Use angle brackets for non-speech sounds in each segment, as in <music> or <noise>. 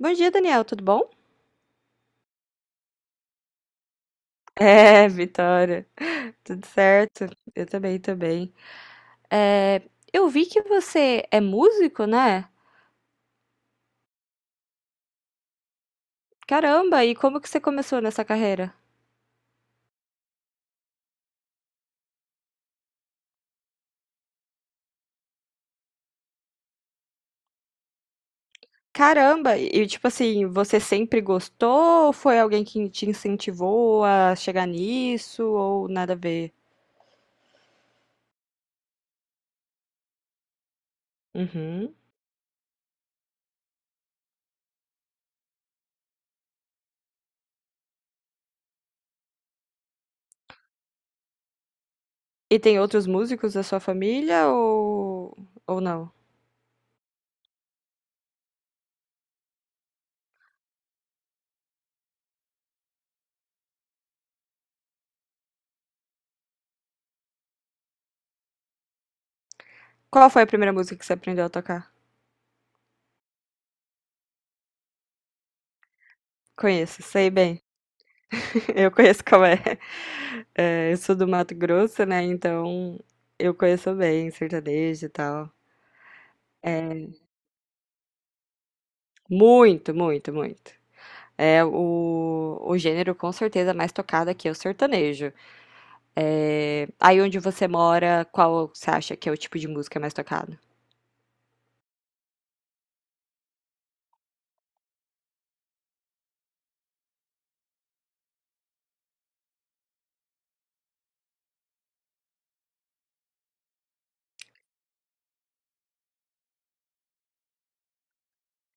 Bom dia, Daniel, tudo bom? É, Vitória, tudo certo? Eu também, também. É, eu vi que você é músico, né? Caramba, e como que você começou nessa carreira? Caramba, e tipo assim, você sempre gostou? Ou foi alguém que te incentivou a chegar nisso ou nada a ver? Uhum. E tem outros músicos da sua família ou não? Qual foi a primeira música que você aprendeu a tocar? Conheço, sei bem. <laughs> Eu conheço qual é. É, eu sou do Mato Grosso, né? Então eu conheço bem sertanejo e tal. É, muito, muito, muito. É o gênero com certeza mais tocado aqui é o sertanejo. É, aí onde você mora, qual você acha que é o tipo de música mais tocado?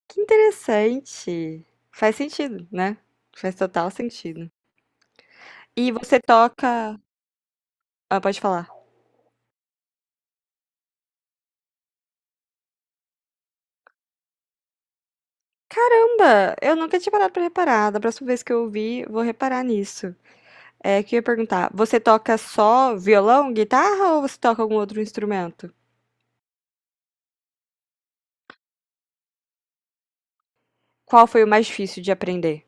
Que interessante. Faz sentido, né? Faz total sentido. E você toca. Ah, pode falar. Caramba, eu nunca tinha parado pra reparar. Da próxima vez que eu ouvir, vou reparar nisso. Que eu ia perguntar, você toca só violão, guitarra ou você toca algum outro instrumento? Qual foi o mais difícil de aprender?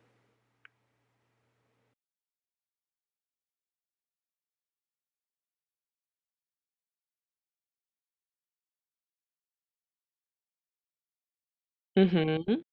Uhum.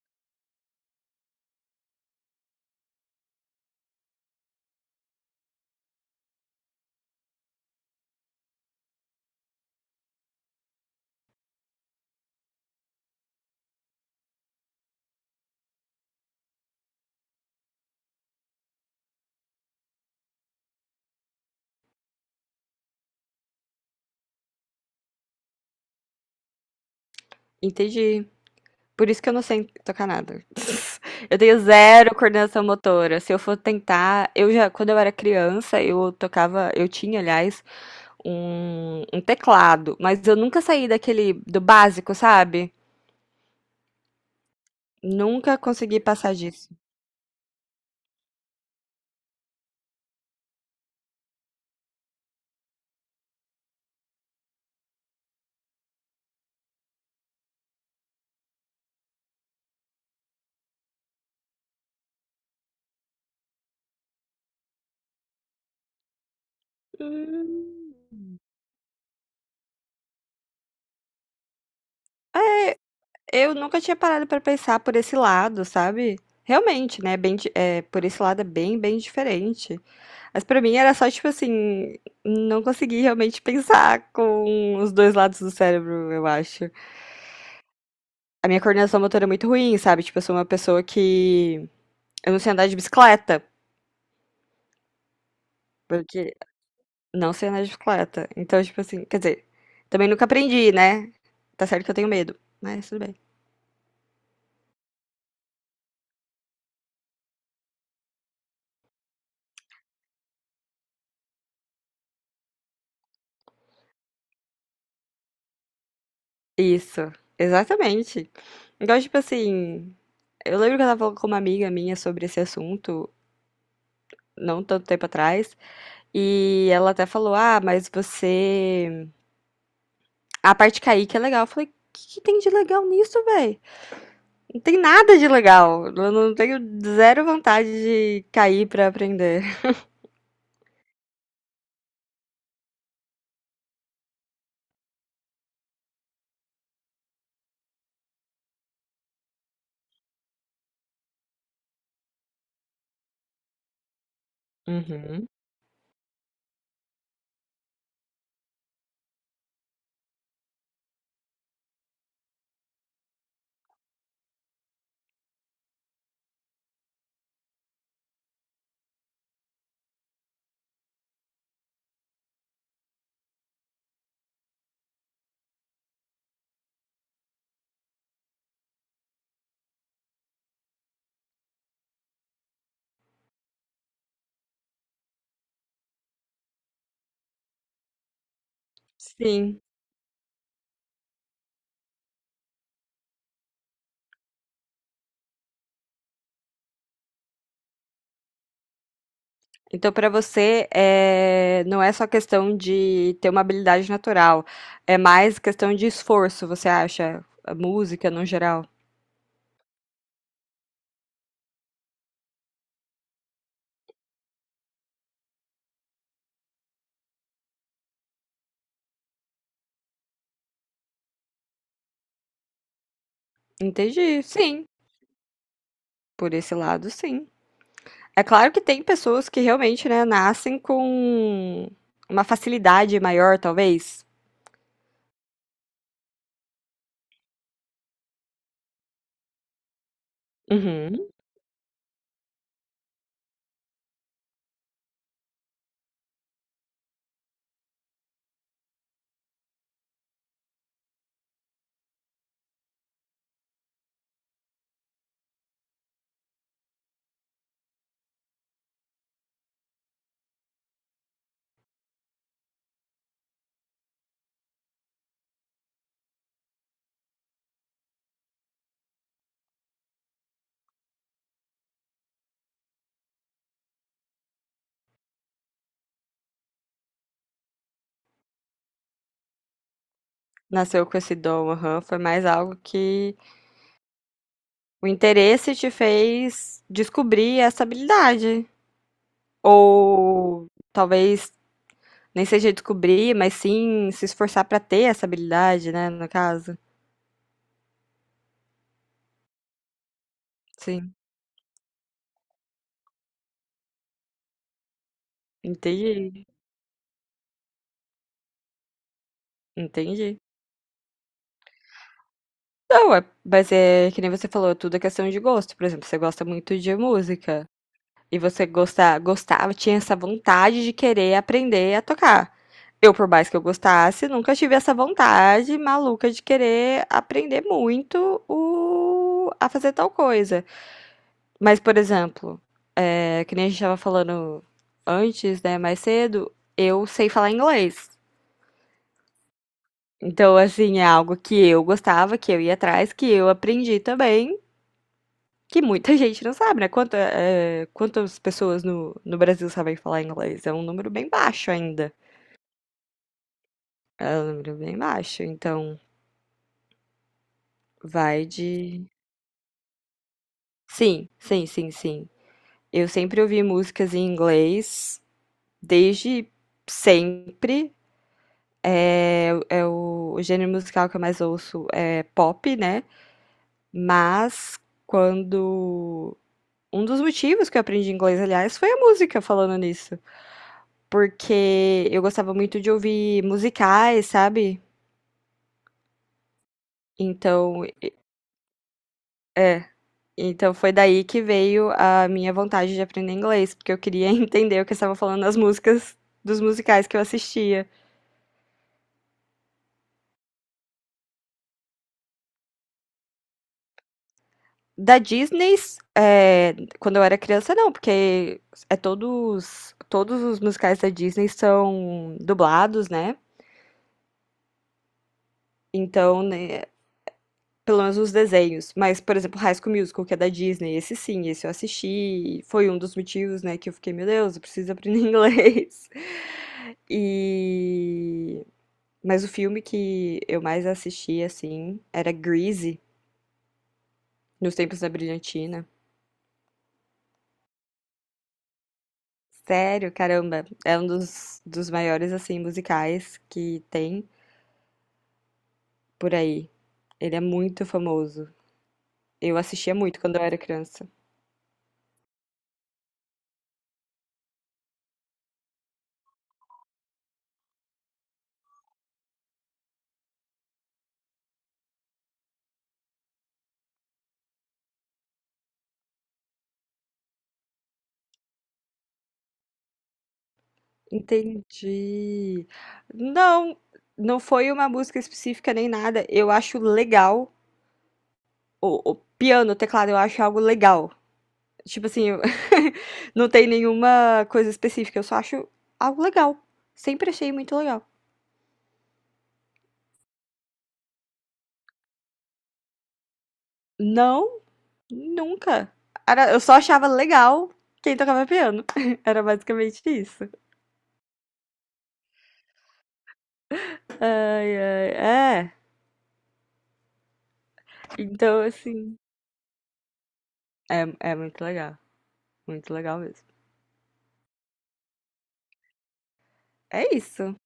Entendi. Por isso que eu não sei tocar nada. <laughs> Eu tenho zero coordenação motora. Se eu for tentar, eu já, quando eu era criança, eu tocava, eu tinha, aliás, um teclado, mas eu nunca saí daquele do básico, sabe? Nunca consegui passar disso. Hum. Eu nunca tinha parado pra pensar por esse lado, sabe. Realmente, né, por esse lado é bem, bem diferente. Mas pra mim era só, tipo assim, não consegui realmente pensar com os 2 lados do cérebro, eu acho. A minha coordenação motora é muito ruim, sabe, tipo, eu sou uma pessoa que eu não sei andar de bicicleta, porque não sei andar de bicicleta. Então, tipo assim, quer dizer, também nunca aprendi, né. Tá certo que eu tenho medo, mas tudo bem. Isso, exatamente. Então, tipo assim, eu lembro que eu tava falando com uma amiga minha sobre esse assunto, não tanto tempo atrás, e ela até falou: Ah, mas você. A parte caíque é legal. Eu falei: O que que tem de legal nisso, véi? Não tem nada de legal. Eu não tenho zero vontade de cair pra aprender. Uhum. Sim. Então, pra você, não é só questão de ter uma habilidade natural, é mais questão de esforço, você acha? A música no geral. Entendi, sim. Por esse lado, sim. É claro que tem pessoas que realmente, né, nascem com uma facilidade maior, talvez. Uhum. Nasceu com esse dom, aham. Foi mais algo que o interesse te fez descobrir essa habilidade. Ou talvez nem seja descobrir, mas sim se esforçar pra ter essa habilidade, né, no caso. Sim, entendi, entendi. Não, é, mas é que nem você falou, é tudo é questão de gosto. Por exemplo, você gosta muito de música. E você gosta gostava, tinha essa vontade de querer aprender a tocar. Eu, por mais que eu gostasse, nunca tive essa vontade maluca de querer aprender muito o... a fazer tal coisa. Mas, por exemplo, que nem a gente estava falando antes, né, mais cedo, eu sei falar inglês. Então, assim, é algo que eu gostava, que eu ia atrás, que eu aprendi também. Que muita gente não sabe, né? Quantas pessoas no Brasil sabem falar inglês? É um número bem baixo ainda. É um número bem baixo. Então, vai de. Sim, sim, sim, sim. Eu sempre ouvi músicas em inglês, desde sempre. É, é o gênero musical que eu mais ouço é pop, né? Mas quando. Um dos motivos que eu aprendi inglês, aliás, foi a música, falando nisso. Porque eu gostava muito de ouvir musicais, sabe? Então, é. Então foi daí que veio a minha vontade de aprender inglês, porque eu queria <laughs> entender o que estavam falando nas músicas dos musicais que eu assistia. Da Disney, é, quando eu era criança, não, porque é todos, todos os musicais da Disney são dublados, né? Então, né, pelo menos os desenhos, mas, por exemplo, High School Musical, que é da Disney, esse sim, esse eu assisti, e foi um dos motivos, né, que eu fiquei, meu Deus, eu preciso aprender <laughs> inglês. E... Mas o filme que eu mais assisti, assim, era Grease, nos tempos da Brilhantina. Sério, caramba, é um dos maiores, assim, musicais que tem por aí. Ele é muito famoso. Eu assistia muito quando eu era criança. Entendi. Não, não foi uma música específica nem nada. Eu acho legal. O piano, o teclado, eu acho algo legal. Tipo assim, eu- <laughs> não tem nenhuma coisa específica, eu só acho algo legal. Sempre achei muito legal. Não, nunca. Era, eu só achava legal quem tocava piano. <laughs> Era basicamente isso. Ai, ai, é. Então, assim, é, é muito legal. Muito legal mesmo. É isso.